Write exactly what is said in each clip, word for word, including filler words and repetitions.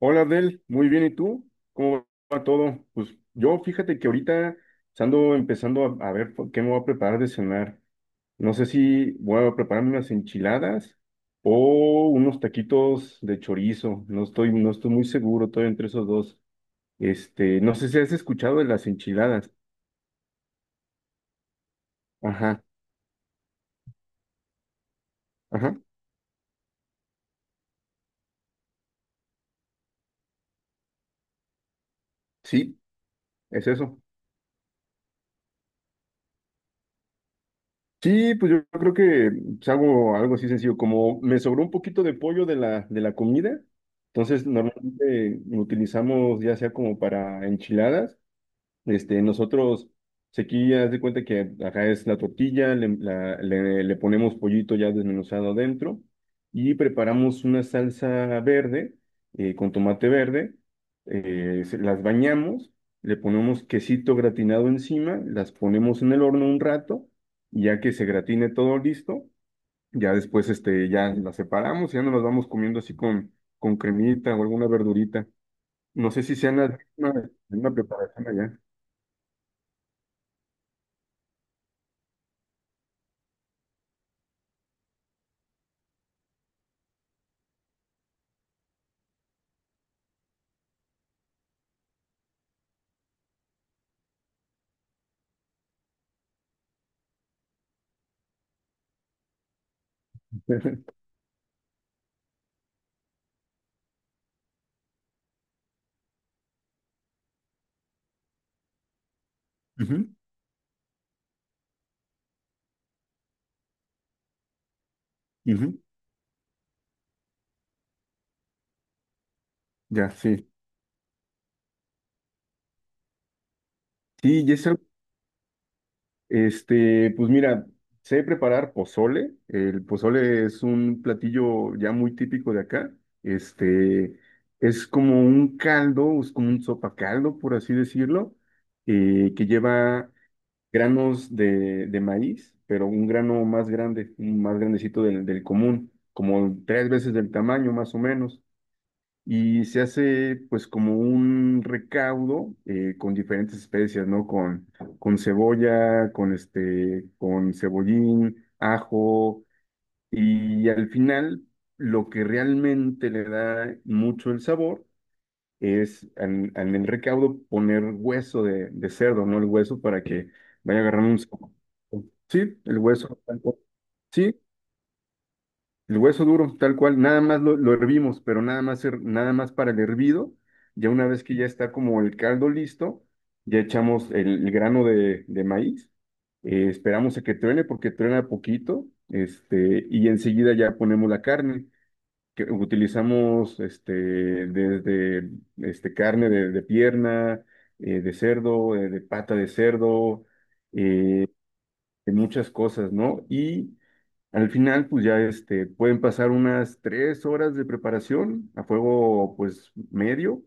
Hola Abdel, muy bien, ¿y tú? ¿Cómo va todo? Pues yo fíjate que ahorita ando empezando a, a ver por qué me voy a preparar de cenar. No sé si voy a prepararme unas enchiladas o unos taquitos de chorizo. No estoy, no estoy muy seguro, estoy entre esos dos. Este, no sé si has escuchado de las enchiladas. Ajá, ajá, sí, es eso. Sí, pues yo creo que pues, hago algo así sencillo, como me sobró un poquito de pollo de la, de la comida, entonces normalmente lo utilizamos ya sea como para enchiladas este, nosotros, pues, aquí haz de cuenta que acá es la tortilla, le, la- le- le ponemos pollito ya desmenuzado adentro y preparamos una salsa verde eh, con tomate verde, eh, se- las bañamos, le ponemos quesito gratinado encima, las ponemos en el horno un rato, y ya que se gratine todo listo, ya después este, ya las separamos, ya nos las vamos comiendo así con, con cremita o alguna verdurita. No sé si sean las mismas, la misma preparación allá. Ujú, ujú, ya, sí. Sí, Jessel, este, pues mira, sé preparar pozole. El pozole es un platillo ya muy típico de acá. Este, es como un caldo, es como un sopacaldo, por así decirlo, eh, que lleva granos de, de maíz, pero un grano más grande, un más grandecito del, del común, como tres veces del tamaño, más o menos. Y se hace pues como un recaudo eh, con diferentes especias, ¿no? Con, con cebolla, con este, con cebollín, ajo y al final lo que realmente le da mucho el sabor es en, en el recaudo poner hueso de, de cerdo, ¿no? El hueso para que vaya agarrando un sabor. Sí, el hueso. Sí, el hueso duro, tal cual, nada más lo, lo hervimos, pero nada más, her- nada más para el hervido. Ya una vez que ya está como el caldo listo, ya echamos el, el grano de, de maíz. eh, esperamos a que truene porque truena poquito, este, y enseguida ya ponemos la carne, que utilizamos este, desde este, carne de, de pierna, eh, de cerdo, eh, de pata de cerdo, eh, de muchas cosas, ¿no? Y al final, pues ya este, pueden pasar unas tres horas de preparación a fuego, pues medio,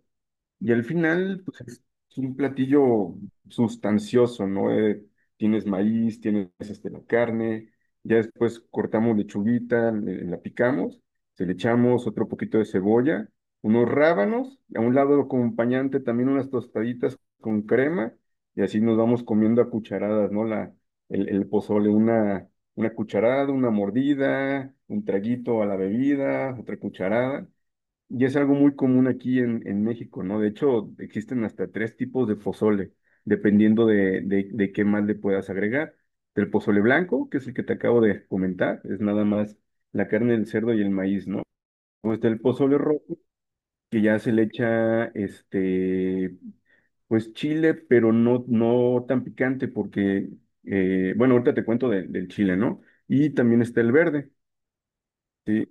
y al final, pues es es un platillo sustancioso, ¿no? Eh, tienes maíz, tienes este, la carne, ya después cortamos lechuguita, le- la picamos, se le echamos otro poquito de cebolla, unos rábanos, y a un lado lo acompañante también unas tostaditas con crema, y así nos vamos comiendo a cucharadas, ¿no? La, el, el pozole, una, una cucharada, una mordida, un traguito a la bebida, otra cucharada. Y es algo muy común aquí en, en México, ¿no? De hecho, existen hasta tres tipos de pozole, dependiendo de, de, de qué más le puedas agregar. El pozole blanco, que es el que te acabo de comentar, es nada más la carne del cerdo y el maíz, ¿no? O está el pozole rojo, que ya se le echa, este, pues chile, pero no, no tan picante, porque, eh, bueno, ahorita te cuento de- del chile, ¿no? Y también está el verde, sí,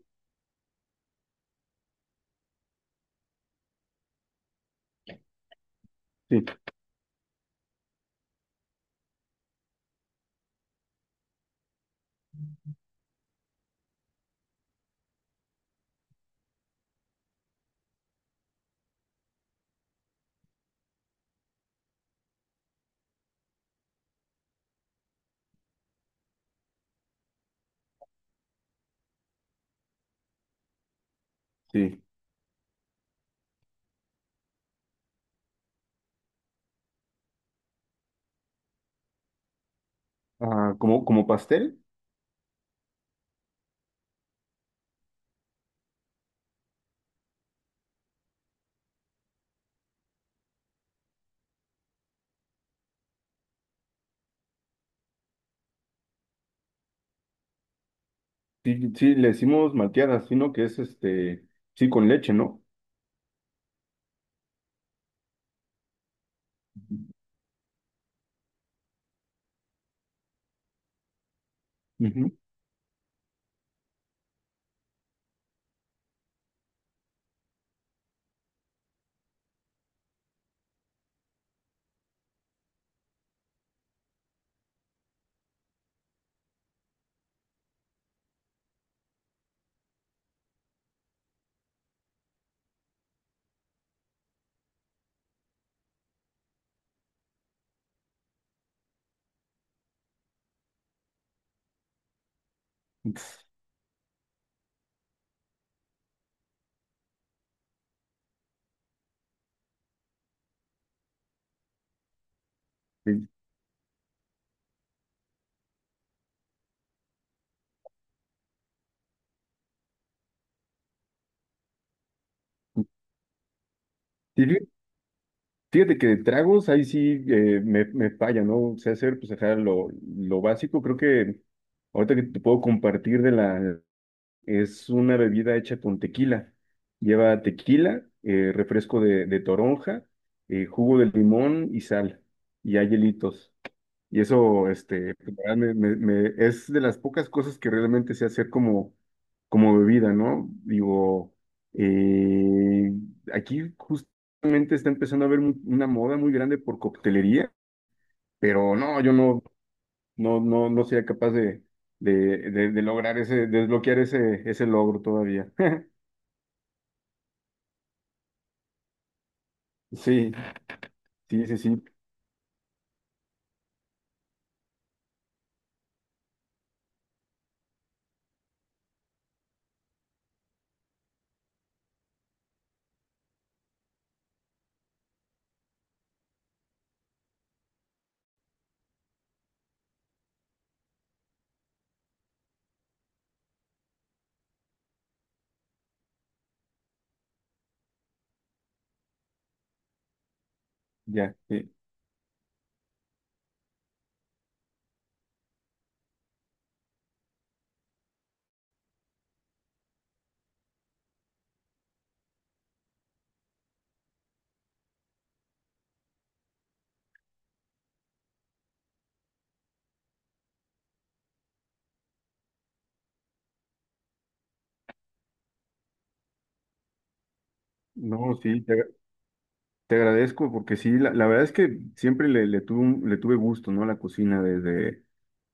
sí, sí. Ah, como, como pastel. Sí, sí, le decimos malteadas, sino que es este, sí, con leche, ¿no? Ujú. Sí. Y fí- fíjate que de tragos ahí sí eh, me, me falla, ¿no? Sé hacer, pues, ajá, lo, lo básico. Creo que ahorita que te puedo compartir de la... Es una bebida hecha con tequila. Lleva tequila, eh, refresco de, de toronja, eh, jugo de limón y sal. Y hay hielitos. Y eso, este, pues, la verdad, me, me- me- es de las pocas cosas que realmente sé hacer como, como bebida, ¿no? Digo, eh, aquí justamente está empezando a haber mu- una moda muy grande por coctelería, pero no, yo no, no, no, no sería capaz de, de, de- de lograr ese, desbloquear ese, ese logro todavía. Sí, sí, sí, sí, ya, sí. No, sí, te, te agradezco porque sí, la, la verdad es que siempre le, le tuve, un- le tuve gusto, ¿no? a La cocina desde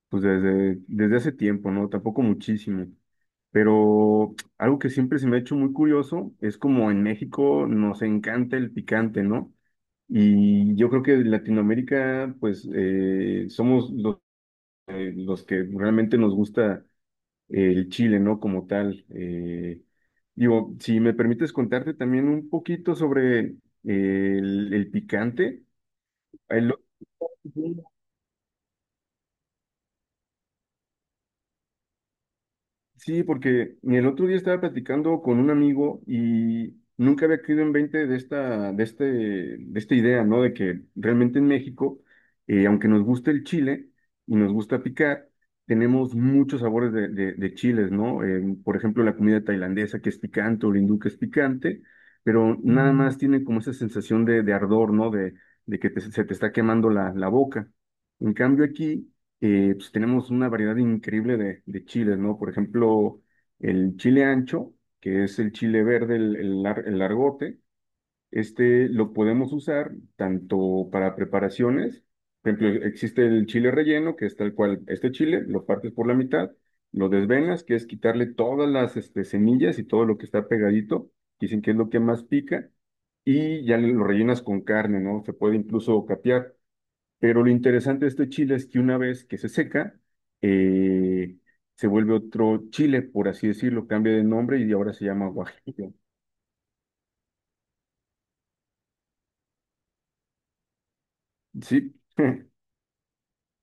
pues desde, desde hace tiempo, ¿no? Tampoco muchísimo. Pero algo que siempre se me ha hecho muy curioso es como en México nos encanta el picante, ¿no? Y yo creo que en Latinoamérica, pues eh, somos los, los que realmente nos gusta el chile, ¿no? Como tal. Eh, digo, si me permites contarte también un poquito sobre el, el picante. El- Sí, porque el otro día estaba platicando con un amigo y nunca había caído en veinte de esta, de este, de esta idea, ¿no? De que realmente en México, eh, aunque nos guste el chile y nos gusta picar, tenemos muchos sabores de, de- de chiles, ¿no? Eh, por ejemplo, la comida tailandesa que es picante o la hindú que es picante, pero nada más tiene como esa sensación de, de ardor, ¿no? De, de que te- se te está quemando la, la boca. En cambio aquí eh, pues tenemos una variedad increíble de, de chiles, ¿no? Por ejemplo, el chile ancho, que es el chile verde, el, el lar- el largote, este lo podemos usar tanto para preparaciones, por ejemplo, existe el chile relleno, que es tal cual, este chile lo partes por la mitad, lo desvenas, que es quitarle todas las este, semillas y todo lo que está pegadito, dicen que es lo que más pica, y ya lo rellenas con carne, ¿no? Se puede incluso capear. Pero lo interesante de este chile es que una vez que se seca, eh, se vuelve otro chile, por así decirlo, cambia de nombre y ahora se llama guajillo. Sí.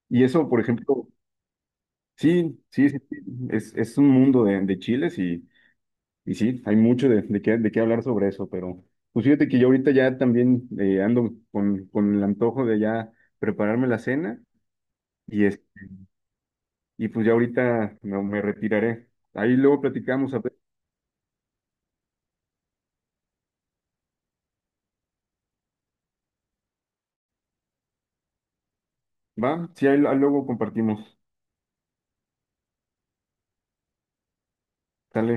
Y eso, por ejemplo, sí, sí, sí, sí, es, es un mundo de, de chiles y, y sí, hay mucho de, de qué, de qué hablar sobre eso, pero pues fíjate que yo ahorita ya también eh, ando con, con el antojo de ya prepararme la cena y, es, y pues ya ahorita me, me retiraré. Ahí luego platicamos, a ver, ¿va? Sí, ahí ahí luego compartimos. Dale.